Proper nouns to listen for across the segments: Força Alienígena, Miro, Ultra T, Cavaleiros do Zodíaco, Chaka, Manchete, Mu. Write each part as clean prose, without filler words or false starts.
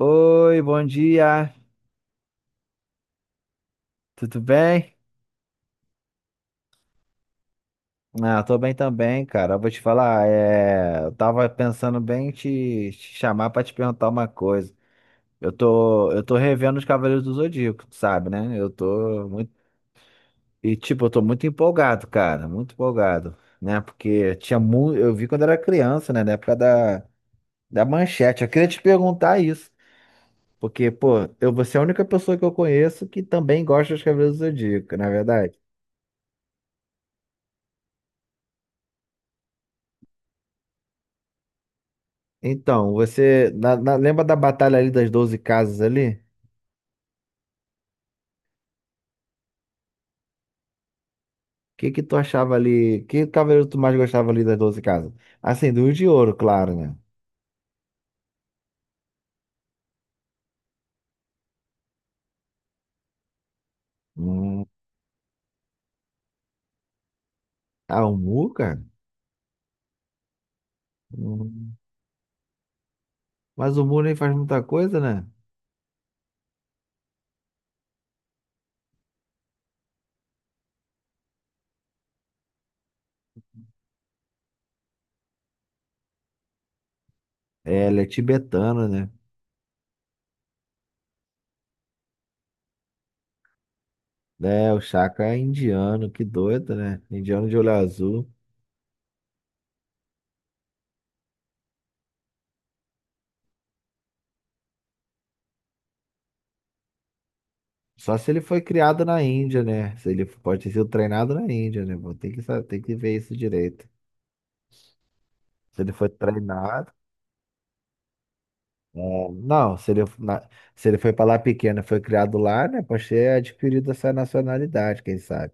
Oi, bom dia, tudo bem? Ah, tô bem também, cara. Eu vou te falar, eu tava pensando bem em te chamar pra te perguntar uma coisa. Eu tô revendo os Cavaleiros do Zodíaco, tu sabe, né? Eu tô muito. E, tipo, eu tô muito empolgado, cara, muito empolgado, né? Porque tinha muito. Eu vi quando era criança, né? Na época da Manchete. Eu queria te perguntar isso, porque, pô, eu, você é a única pessoa que eu conheço que também gosta dos Cavaleiros do Zodíaco, na verdade? Então, você lembra da batalha ali das 12 casas ali? O que que tu achava ali? Que cavaleiro tu mais gostava ali das 12 casas? Assim, do de ouro, claro, né? Hum, ah, o Mu, cara? Hum, mas o Mu nem faz muita coisa, né? É, ele é tibetano, né? É, o Chaka é indiano, que doido, né? Indiano de olho azul. Só se ele foi criado na Índia, né? Se ele pode ter sido treinado na Índia, né? Pô, tem que, tem que ver isso direito. Se ele foi treinado. É, não, se ele, se ele foi para lá pequeno, e foi criado lá, né? Pode ter adquirido essa nacionalidade, quem sabe.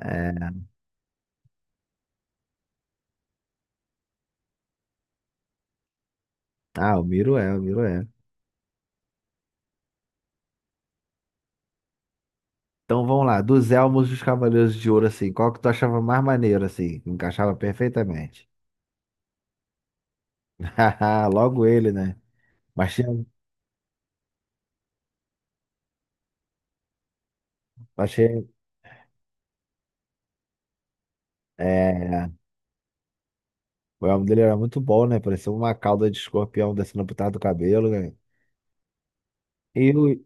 É. Ah, o Miro é. Então vamos lá, dos elmos dos Cavaleiros de Ouro, assim, qual que tu achava mais maneiro, assim? Que encaixava perfeitamente. Haha, logo ele, né? Mas tinha, mas tinha- é, o elmo dele era muito bom, né? Parecia uma cauda de escorpião descendo por trás do cabelo, né? E o-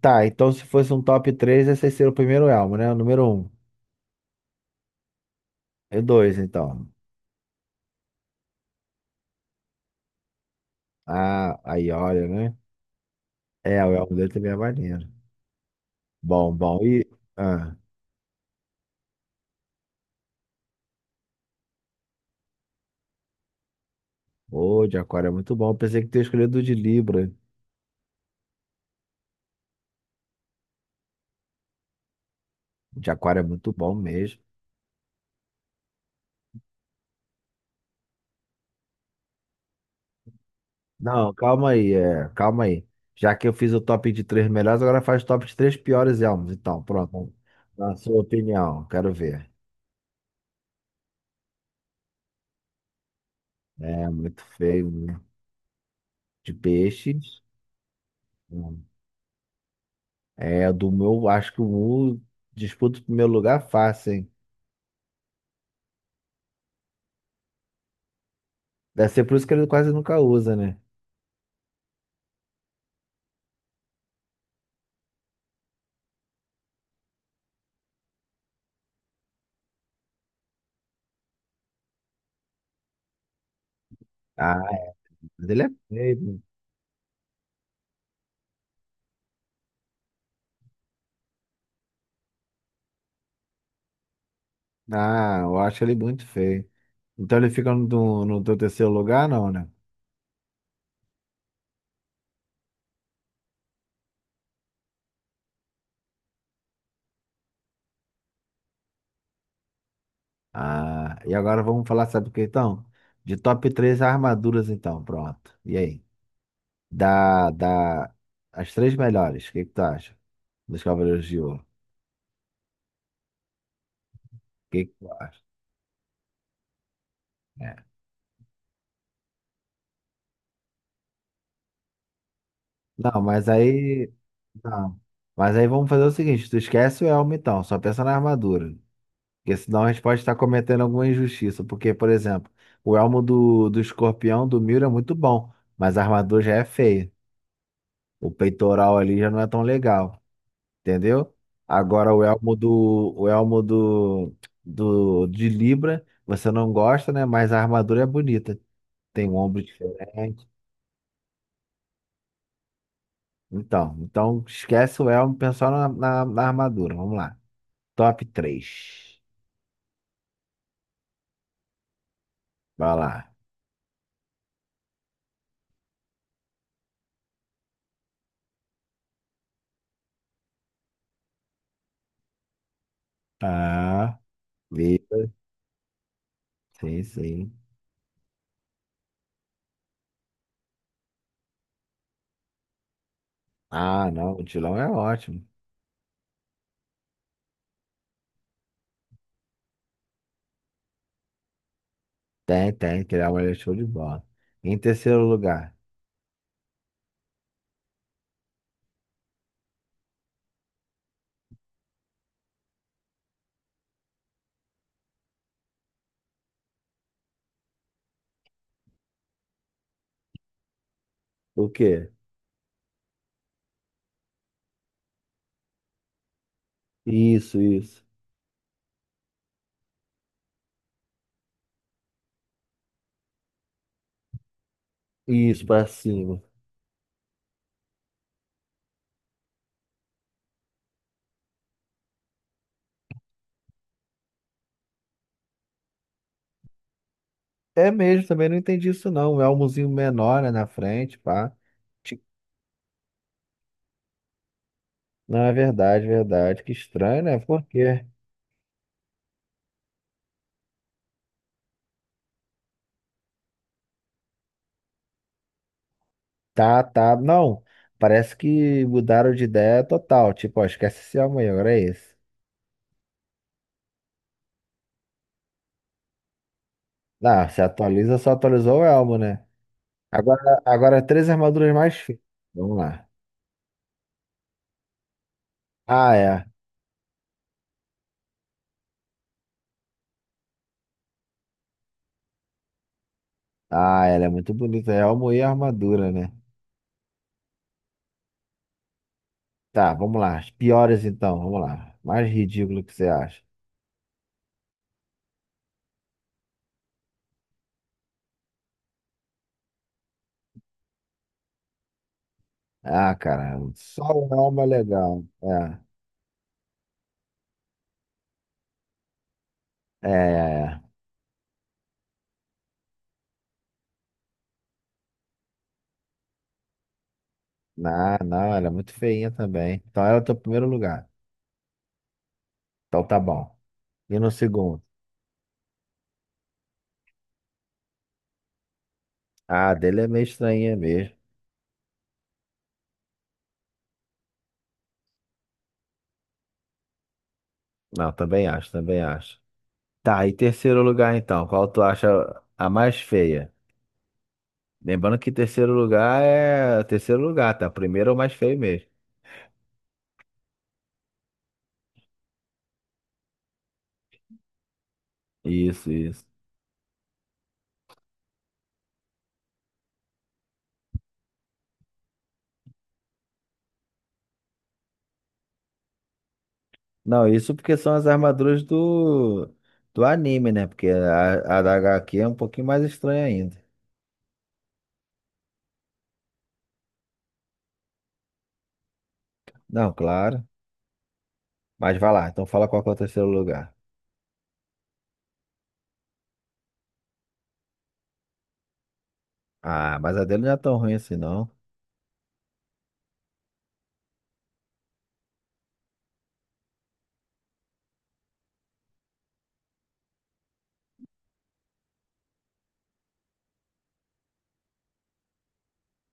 tá, então se fosse um top 3, esse seria o primeiro elmo, né? O número um, e dois, então. Ah, aí olha, né? É, o elmo dele também é maneiro. Bom, bom. E. Ah, o de aquário é muito bom. Pensei que tinha escolhido o de Libra. O de aquário é muito bom mesmo. Não, calma aí, é, calma aí. Já que eu fiz o top de três melhores, agora faz o top de três piores elmos. Então, pronto. Na sua opinião, quero ver. É muito feio, né? De peixes. Hum. É, do meu, acho que o Mu disputa o primeiro lugar fácil, hein? Deve ser por isso que ele quase nunca usa, né? Ah, mas ele é feio, né? Ah, eu acho ele muito feio. Então ele fica no teu terceiro lugar, não, né? Ah, e agora vamos falar, sabe o que então? De top três armaduras, então, pronto. E aí? Da, da, as três melhores, o que que tu acha? Dos Cavaleiros de Ouro. O que que tu acha? É. Não, mas aí. Não. Mas aí vamos fazer o seguinte: tu esquece o elmo, então, só pensa na armadura. Porque senão a gente pode estar cometendo alguma injustiça. Porque, por exemplo, o elmo do escorpião do Miro é muito bom, mas a armadura já é feia. O peitoral ali já não é tão legal, entendeu? Agora o elmo do de Libra, você não gosta, né? Mas a armadura é bonita. Tem um ombro diferente. Então, então esquece o elmo, pensa só na armadura. Vamos lá. Top três. Vai lá. Ah, Libra. Sim, sim. Ah, não, o Tilão é ótimo. Tem, tem, criar uma é show de bola. Em terceiro lugar, o quê? Isso, isso. Isso, pra cima. É mesmo, também não entendi isso não. É um elmozinho menor, né, na frente, pá. Ti- Não, é verdade, verdade. Que estranho, né? Por quê? Tá, tá. Não, parece que mudaram de ideia total. Tipo, ó, esquece esse elmo aí, agora é esse. Não, se atualiza, só atualizou o elmo, né? Agora três armaduras mais finas. Vamos lá. Ah, é. Ah, ela é muito bonita. É alma e armadura, né? Tá, vamos lá. As piores então, vamos lá. Mais ridículo que você acha. Ah, cara, só o alma é legal. É. Não, não, ela é muito feinha também. Então ela é o teu primeiro lugar. Então tá bom. E no segundo? Ah, a dele é meio estranha mesmo. Não, também acho, também acho. Tá, e terceiro lugar então, qual tu acha a mais feia? Lembrando que terceiro lugar é terceiro lugar, tá? Primeiro é o mais feio mesmo. Isso, isso. Não, isso porque são as armaduras do anime, né? Porque a da HQ é um pouquinho mais estranha ainda. Não, claro. Mas vai lá, então fala qual que é o terceiro lugar. Ah, mas a dele não é tão ruim assim, não.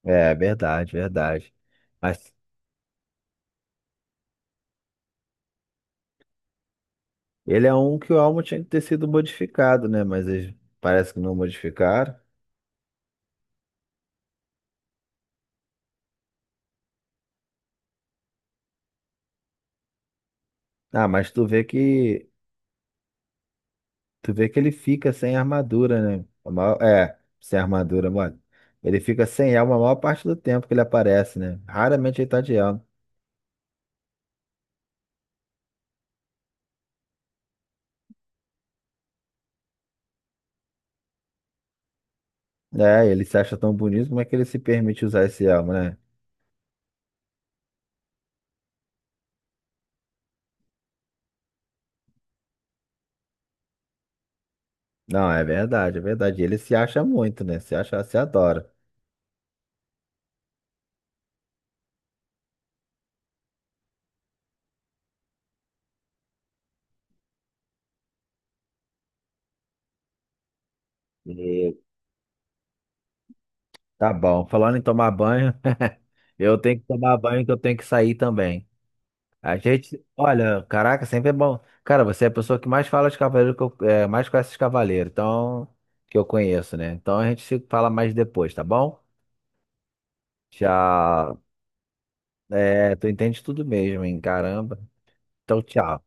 É, é verdade, verdade. Mas ele é um que o Almo tinha que ter sido modificado, né? Mas eles parece que não modificaram. Ah, mas tu vê que ele fica sem armadura, né? A maior- é, sem armadura, mano. Ele fica sem elmo a maior parte do tempo que ele aparece, né? Raramente ele tá de elmo. É, ele se acha tão bonito, como é que ele se permite usar esse elmo, né? Não, é verdade, é verdade. Ele se acha muito, né? Se acha, se adora. E tá bom. Falando em tomar banho, eu tenho que tomar banho que eu tenho que sair também. A gente, olha, caraca, sempre é bom. Cara, você é a pessoa que mais fala de cavaleiro, que eu, é, mais conhece de cavaleiro, então, que eu conheço, né? Então a gente se fala mais depois, tá bom? Tchau. É, tu entende tudo mesmo, hein? Caramba. Então, tchau.